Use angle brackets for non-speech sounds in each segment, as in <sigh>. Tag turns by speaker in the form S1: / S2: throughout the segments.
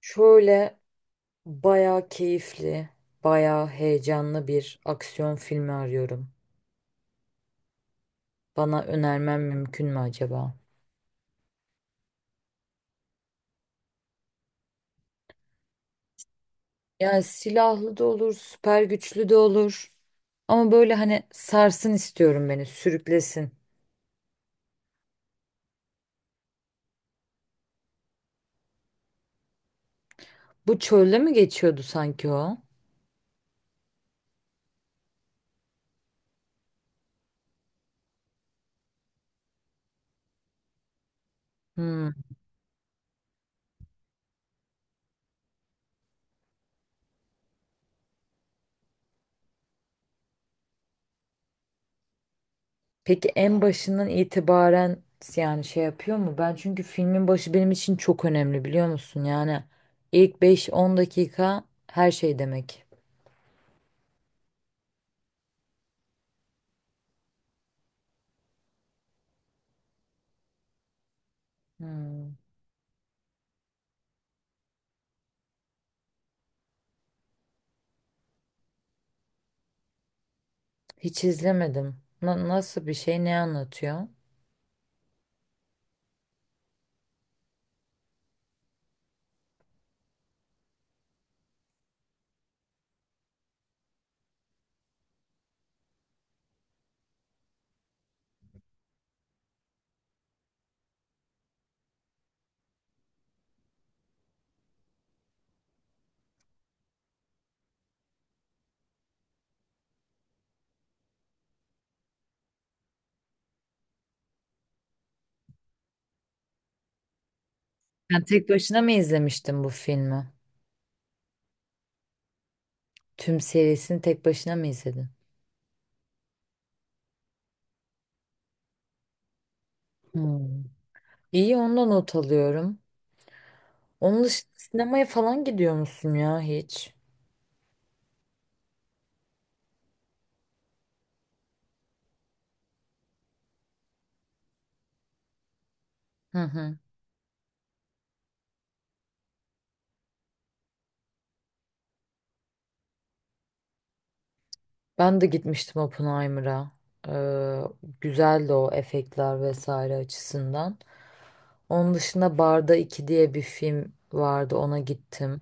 S1: Şöyle bayağı keyifli, bayağı heyecanlı bir aksiyon filmi arıyorum. Bana önermen mümkün mü acaba? Yani silahlı da olur, süper güçlü de olur. Ama böyle hani sarsın istiyorum beni, sürüklesin. Bu çölde mi geçiyordu sanki o? Hmm. Peki en başından itibaren yani şey yapıyor mu? Ben çünkü filmin başı benim için çok önemli biliyor musun? Yani ilk beş on dakika her şey demek. Hmm. Hiç izlemedim. Nasıl bir şey, ne anlatıyor? Yani tek başına mı izlemiştin bu filmi? Tüm serisini tek başına mı izledin? Hmm. İyi, ondan not alıyorum. Onun dışında sinemaya falan gidiyor musun ya hiç? Hı hı. Ben de gitmiştim Oppenheimer'a. Ee, Güzeldi o efektler vesaire açısından. Onun dışında Barda 2 diye bir film vardı, ona gittim.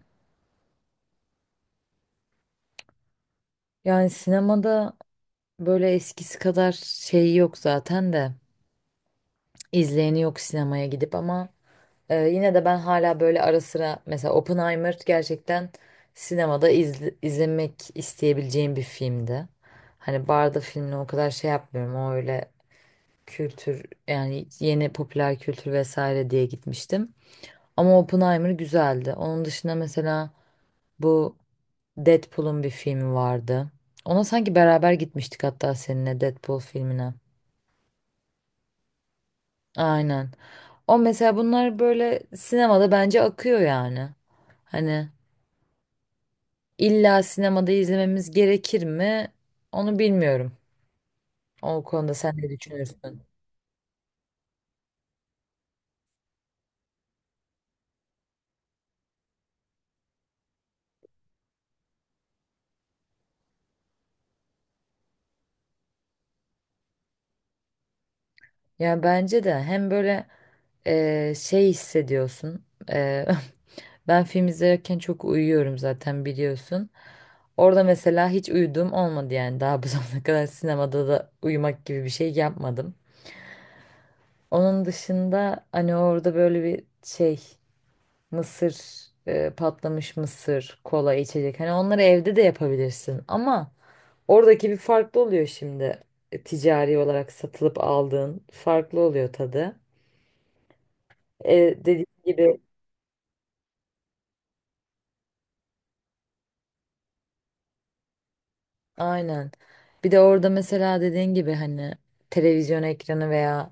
S1: Yani sinemada böyle eskisi kadar şey yok zaten de. İzleyeni yok sinemaya gidip, ama yine de ben hala böyle ara sıra, mesela Oppenheimer gerçekten sinemada izlemek isteyebileceğim bir filmdi. Hani barda filmle o kadar şey yapmıyorum. O öyle kültür yani yeni popüler kültür vesaire diye gitmiştim. Ama Oppenheimer güzeldi. Onun dışında mesela bu Deadpool'un bir filmi vardı. Ona sanki beraber gitmiştik hatta, seninle Deadpool filmine. Aynen. O mesela, bunlar böyle sinemada bence akıyor yani. Hani illa sinemada izlememiz gerekir mi? Onu bilmiyorum. O konuda sen ne düşünürsün? Ya bence de hem böyle şey hissediyorsun. <laughs> Ben film izlerken çok uyuyorum zaten, biliyorsun. Orada mesela hiç uyuduğum olmadı, yani daha bu <laughs> zamana kadar sinemada da uyumak gibi bir şey yapmadım. Onun dışında hani orada böyle bir şey, Mısır, patlamış mısır, kola, içecek. Hani onları evde de yapabilirsin ama oradaki bir farklı oluyor şimdi. Ticari olarak satılıp aldığın farklı oluyor tadı. E, Dediğim gibi, aynen. Bir de orada mesela dediğin gibi, hani televizyon ekranı veya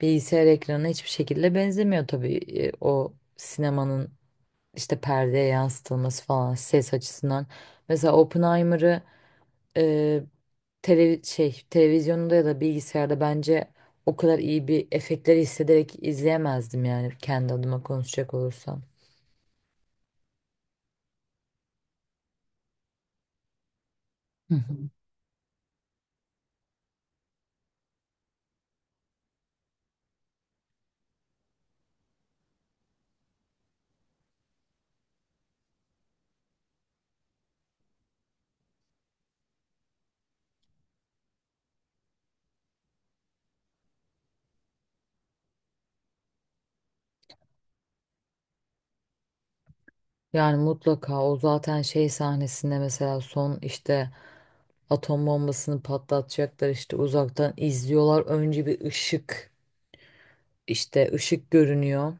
S1: bilgisayar ekranı hiçbir şekilde benzemiyor tabii. O sinemanın işte perdeye yansıtılması falan, ses açısından. Mesela Oppenheimer'ı e, televizyonda ya da bilgisayarda bence o kadar iyi bir efektleri hissederek izleyemezdim yani, kendi adıma konuşacak olursam. Hı hı. Yani mutlaka, o zaten şey sahnesinde mesela son işte atom bombasını patlatacaklar, işte uzaktan izliyorlar. Önce bir ışık, işte ışık görünüyor.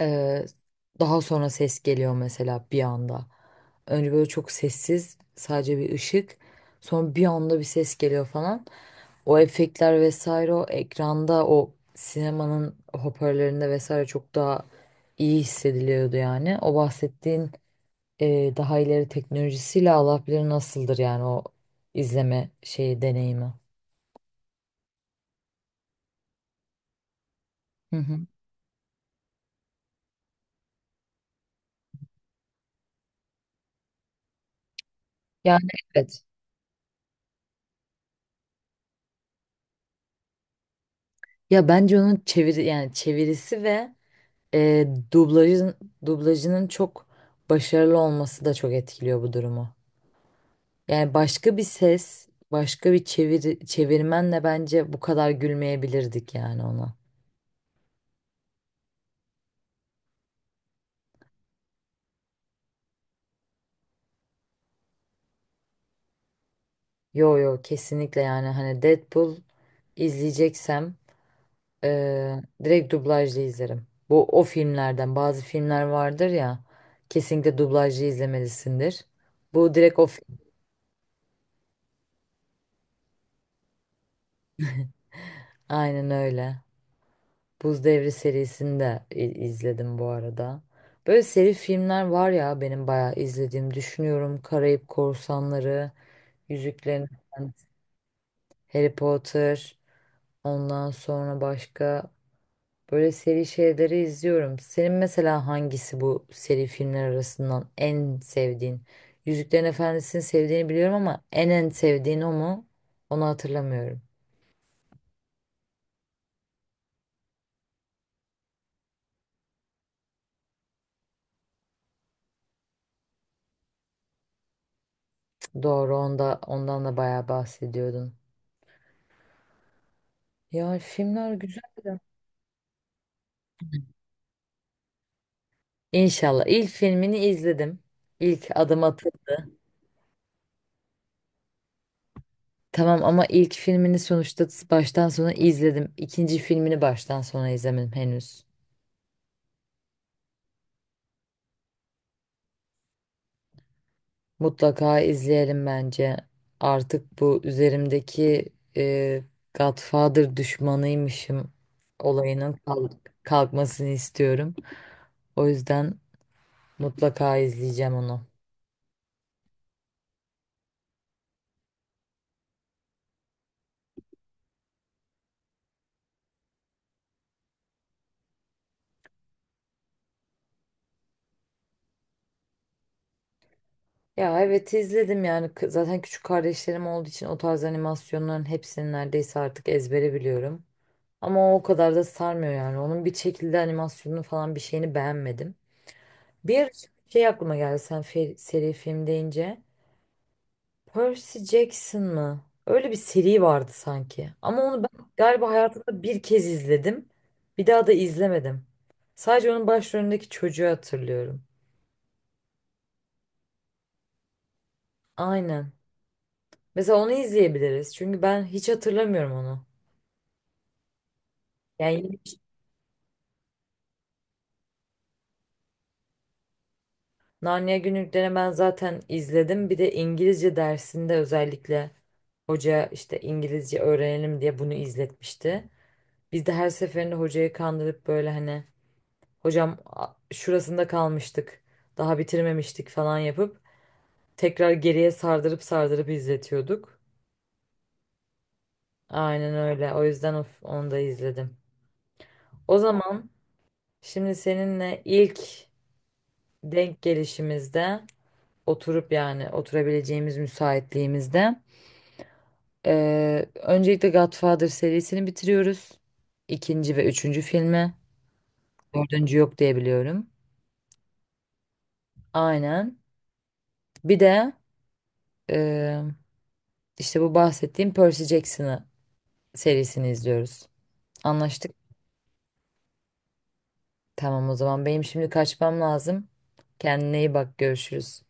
S1: Ee, Daha sonra ses geliyor mesela bir anda. Önce böyle çok sessiz, sadece bir ışık. Sonra bir anda bir ses geliyor falan. O efektler vesaire, o ekranda, o sinemanın hoparlörlerinde vesaire çok daha iyi hissediliyordu yani. O bahsettiğin daha ileri teknolojisiyle Allah bilir nasıldır, yani o izleme şeyi, deneyimi. Hı hı. Yani evet. Ya bence onun yani çevirisi ve e, dublajın dublajının çok başarılı olması da çok etkiliyor bu durumu. Yani başka bir ses, başka bir çevirmenle bence bu kadar gülmeyebilirdik yani ona. Yo yo, kesinlikle. Yani hani Deadpool izleyeceksem direkt dublajlı izlerim. Bu, o filmlerden, bazı filmler vardır ya kesinlikle dublajlı izlemelisindir. Bu direkt o film. Aynen öyle. Buz Devri serisini de izledim bu arada. Böyle seri filmler var ya, benim bayağı izlediğim, düşünüyorum. Karayip Korsanları, Yüzüklerin Efendisi, Harry Potter, ondan sonra başka böyle seri şeyleri izliyorum. Senin mesela hangisi bu seri filmler arasından en sevdiğin? Yüzüklerin Efendisi'ni sevdiğini biliyorum ama en sevdiğin o mu? Onu hatırlamıyorum. Doğru, ondan da bayağı bahsediyordun. Ya, filmler güzel. İnşallah. İlk filmini izledim. İlk adım atıldı. Tamam ama ilk filmini sonuçta baştan sona izledim. İkinci filmini baştan sona izlemedim henüz. Mutlaka izleyelim bence. Artık bu üzerimdeki Godfather düşmanıymışım olayının kalkmasını istiyorum. O yüzden mutlaka izleyeceğim onu. Ya evet, izledim. Yani zaten küçük kardeşlerim olduğu için o tarz animasyonların hepsini neredeyse artık ezbere biliyorum. Ama o kadar da sarmıyor yani. Onun bir şekilde animasyonunu falan, bir şeyini beğenmedim. Bir ara şey aklıma geldi sen seri film deyince. Percy Jackson mı? Öyle bir seri vardı sanki. Ama onu ben galiba hayatımda bir kez izledim. Bir daha da izlemedim. Sadece onun başrolündeki çocuğu hatırlıyorum. Aynen. Mesela onu izleyebiliriz. Çünkü ben hiç hatırlamıyorum onu. Yani Narnia Günlüklerini ben zaten izledim. Bir de İngilizce dersinde özellikle hoca işte, İngilizce öğrenelim diye bunu izletmişti. Biz de her seferinde hocayı kandırıp, böyle hani, hocam şurasında kalmıştık, daha bitirmemiştik falan yapıp tekrar geriye sardırıp sardırıp izletiyorduk. Aynen öyle. O yüzden of, onu da izledim. O zaman şimdi seninle ilk denk gelişimizde, oturup yani oturabileceğimiz müsaitliğimizde, öncelikle Godfather serisini bitiriyoruz. İkinci ve üçüncü filmi. Dördüncü yok diye biliyorum. Aynen. Bir de e, işte bu bahsettiğim Percy Jackson'ı, serisini izliyoruz. Anlaştık. Tamam, o zaman benim şimdi kaçmam lazım. Kendine iyi bak, görüşürüz.